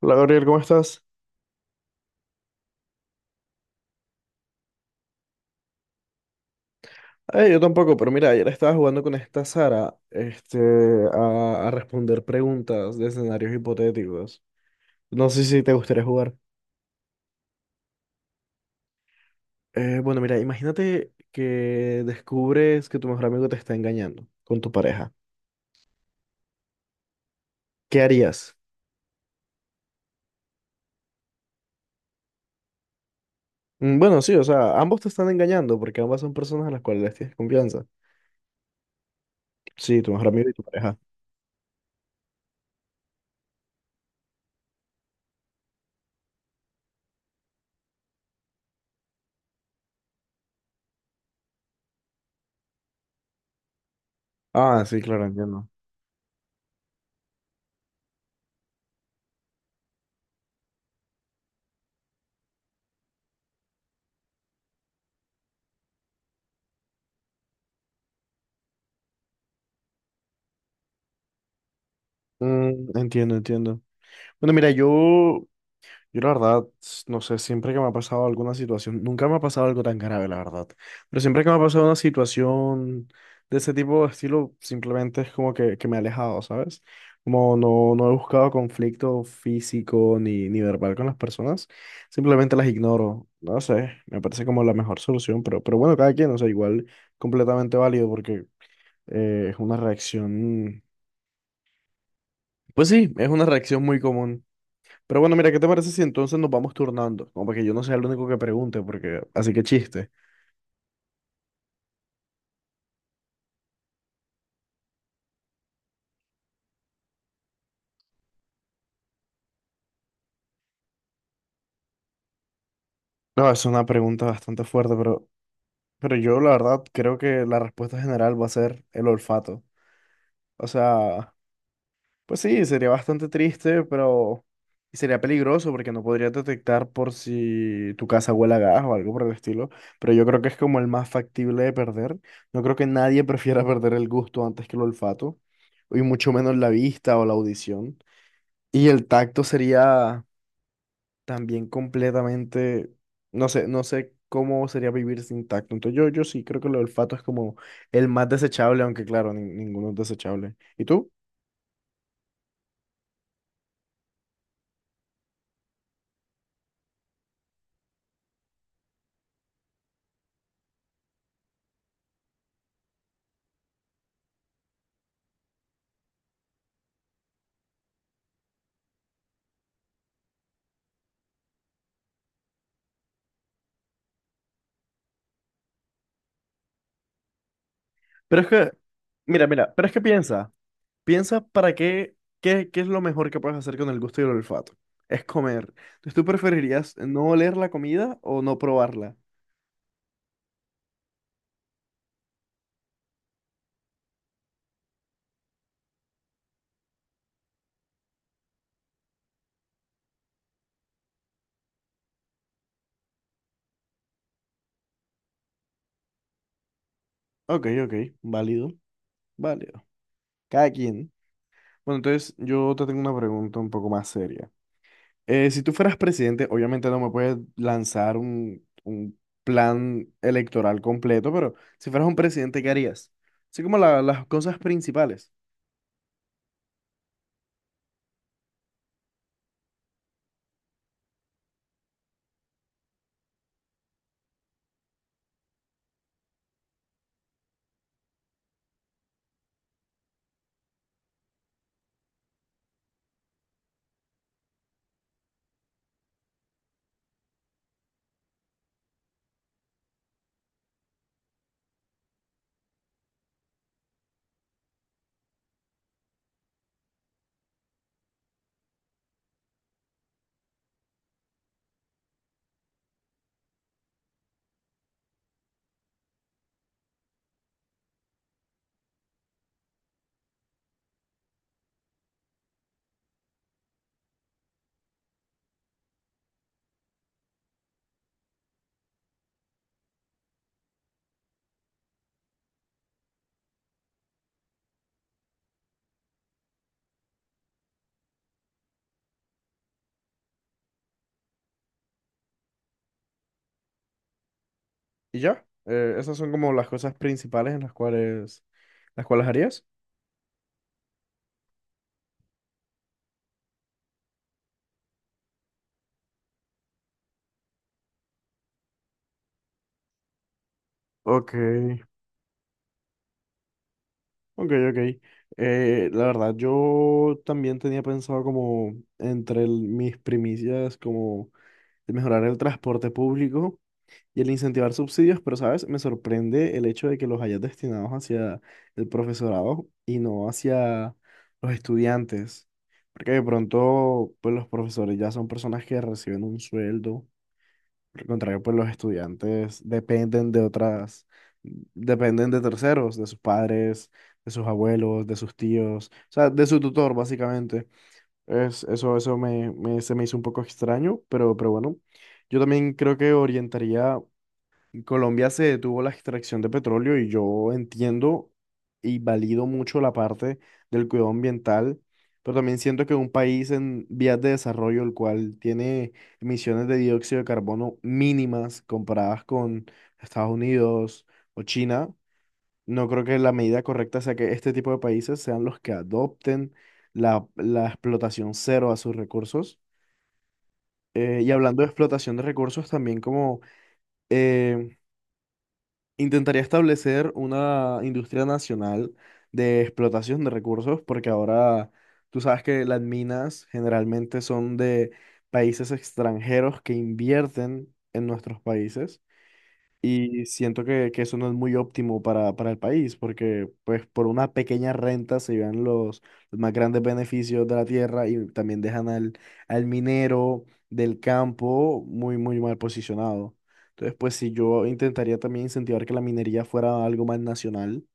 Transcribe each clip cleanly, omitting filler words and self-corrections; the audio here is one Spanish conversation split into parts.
Hola Gabriel, ¿cómo estás? Yo tampoco, pero mira, ayer estaba jugando con esta Sara, a responder preguntas de escenarios hipotéticos. No sé si te gustaría jugar. Bueno, mira, imagínate que descubres que tu mejor amigo te está engañando con tu pareja. ¿Qué harías? Mm, bueno, sí, o sea, ambos te están engañando porque ambas son personas a las cuales les tienes confianza. Sí, tu mejor amigo y tu pareja. Ah, sí, claro, entiendo. Mm, entiendo, entiendo. Bueno, mira, yo la verdad, no sé, siempre que me ha pasado alguna situación, nunca me ha pasado algo tan grave, la verdad, pero siempre que me ha pasado una situación de ese tipo de estilo, simplemente es como que me he alejado, ¿sabes? Como no he buscado conflicto físico ni verbal con las personas, simplemente las ignoro, no sé, me parece como la mejor solución, pero bueno, cada quien, o sea, igual completamente válido porque es una reacción, pues sí, es una reacción muy común. Pero bueno, mira, ¿qué te parece si entonces nos vamos turnando? Como para que yo no sea el único que pregunte, porque así que chiste. No, es una pregunta bastante fuerte, pero yo la verdad creo que la respuesta general va a ser el olfato. O sea, pues sí, sería bastante triste, pero y sería peligroso porque no podrías detectar por si tu casa huele a gas o algo por el estilo. Pero yo creo que es como el más factible de perder. No creo que nadie prefiera perder el gusto antes que el olfato, y mucho menos la vista o la audición. Y el tacto sería también completamente, no sé, no sé cómo sería vivir sin tacto. Entonces yo sí creo que el olfato es como el más desechable, aunque claro, ninguno es desechable. ¿Y tú? Pero es que, mira, mira, pero es que piensa, piensa para qué, qué es lo mejor que puedes hacer con el gusto y el olfato. Es comer. Entonces tú preferirías no oler la comida o no probarla. Ok, ok, válido, válido. Cada quien. Bueno, entonces yo te tengo una pregunta un poco más seria. Si tú fueras presidente, obviamente no me puedes lanzar un plan electoral completo, pero si fueras un presidente, ¿qué harías? Así como las cosas principales. ¿Y ya? Esas son como las cosas principales en las cuales harías. Ok, ok, ok. La verdad, yo también tenía pensado como entre mis primicias, como de mejorar el transporte público y el incentivar subsidios, pero sabes, me sorprende el hecho de que los hayas destinados hacia el profesorado y no hacia los estudiantes, porque de pronto, pues los profesores ya son personas que reciben un sueldo, por el contrario, pues los estudiantes dependen de otras, dependen de terceros, de sus padres, de sus abuelos, de sus tíos, o sea, de su tutor, básicamente. Eso se me hizo un poco extraño, pero bueno, yo también creo que orientaría Colombia, se detuvo la extracción de petróleo y yo entiendo y valido mucho la parte del cuidado ambiental, pero también siento que un país en vías de desarrollo, el cual tiene emisiones de dióxido de carbono mínimas comparadas con Estados Unidos o China, no creo que la medida correcta sea que este tipo de países sean los que adopten la explotación cero a sus recursos. Y hablando de explotación de recursos, también como... em, intentaría establecer una industria nacional de explotación de recursos, porque ahora tú sabes que las minas generalmente son de países extranjeros que invierten en nuestros países. Y siento que eso no es muy óptimo para el país, porque pues por una pequeña renta se llevan los más grandes beneficios de la tierra y también dejan al minero del campo muy, muy mal posicionado. Entonces, pues si yo intentaría también incentivar que la minería fuera algo más nacional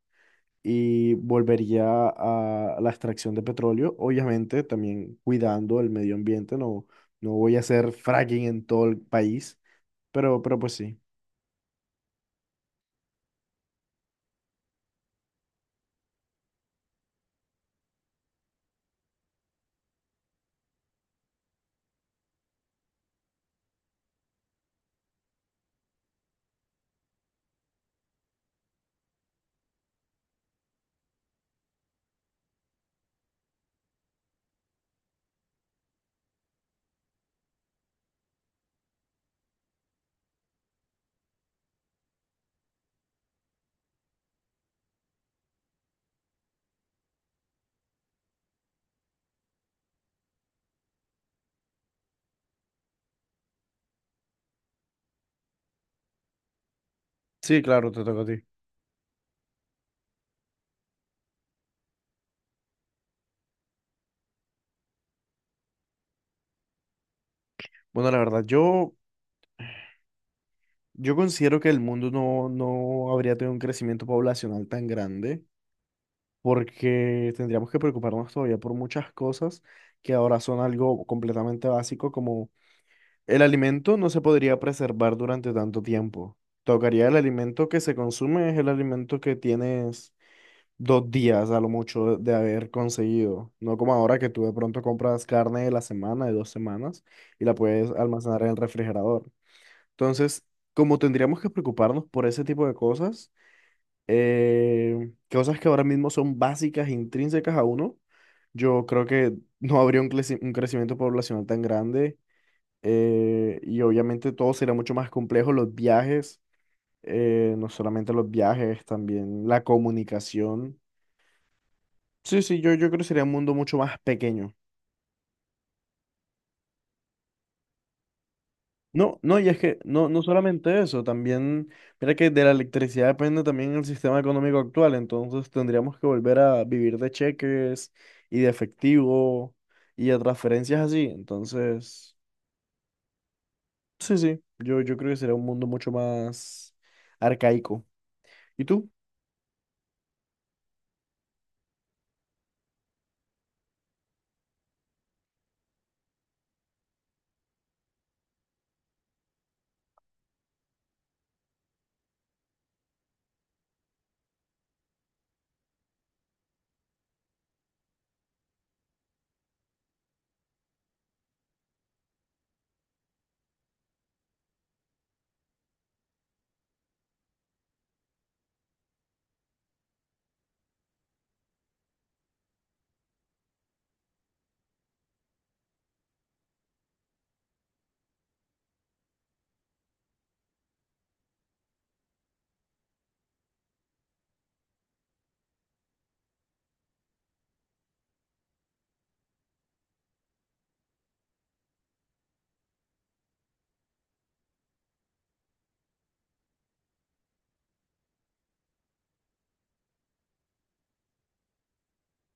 y volvería a la extracción de petróleo, obviamente también cuidando el medio ambiente, no, no voy a hacer fracking en todo el país, pero pues sí. Sí, claro, te toca a ti. Bueno, la verdad, yo considero que el mundo no habría tenido un crecimiento poblacional tan grande porque tendríamos que preocuparnos todavía por muchas cosas que ahora son algo completamente básico, como el alimento no se podría preservar durante tanto tiempo. Tocaría el alimento que se consume, es el alimento que tienes dos días a lo mucho de haber conseguido, no como ahora que tú de pronto compras carne de la semana, de dos semanas, y la puedes almacenar en el refrigerador. Entonces, como tendríamos que preocuparnos por ese tipo de cosas, cosas que ahora mismo son básicas, intrínsecas a uno, yo creo que no habría un crecimiento poblacional tan grande, y obviamente todo sería mucho más complejo, los viajes, no solamente los viajes, también la comunicación. Sí, sí, yo creo que sería un mundo mucho más pequeño. No, no, y es que no, no solamente eso, también, mira que de la electricidad depende también el sistema económico actual, entonces tendríamos que volver a vivir de cheques y de efectivo y de transferencias así, entonces, sí, sí, yo creo que sería un mundo mucho más arcaico. ¿Y tú?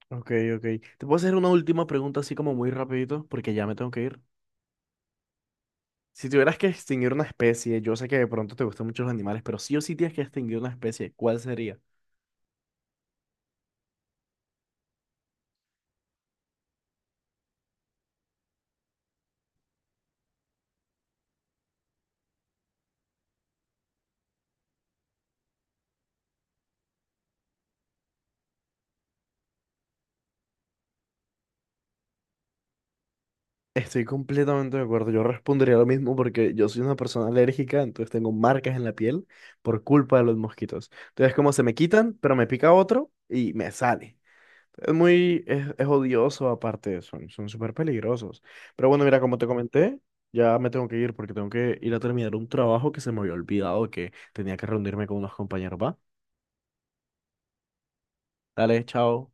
Ok, ok. Te puedo hacer una última pregunta así como muy rapidito, porque ya me tengo que ir. Si tuvieras que extinguir una especie, yo sé que de pronto te gustan mucho los animales, pero sí o sí tienes que extinguir una especie, ¿cuál sería? Estoy completamente de acuerdo. Yo respondería lo mismo porque yo soy una persona alérgica, entonces tengo marcas en la piel por culpa de los mosquitos. Entonces, como se me quitan, pero me pica otro y me sale. Es muy, es odioso aparte, son, son súper peligrosos. Pero bueno, mira, como te comenté, ya me tengo que ir porque tengo que ir a terminar un trabajo que se me había olvidado que tenía que reunirme con unos compañeros. Va, dale, chao.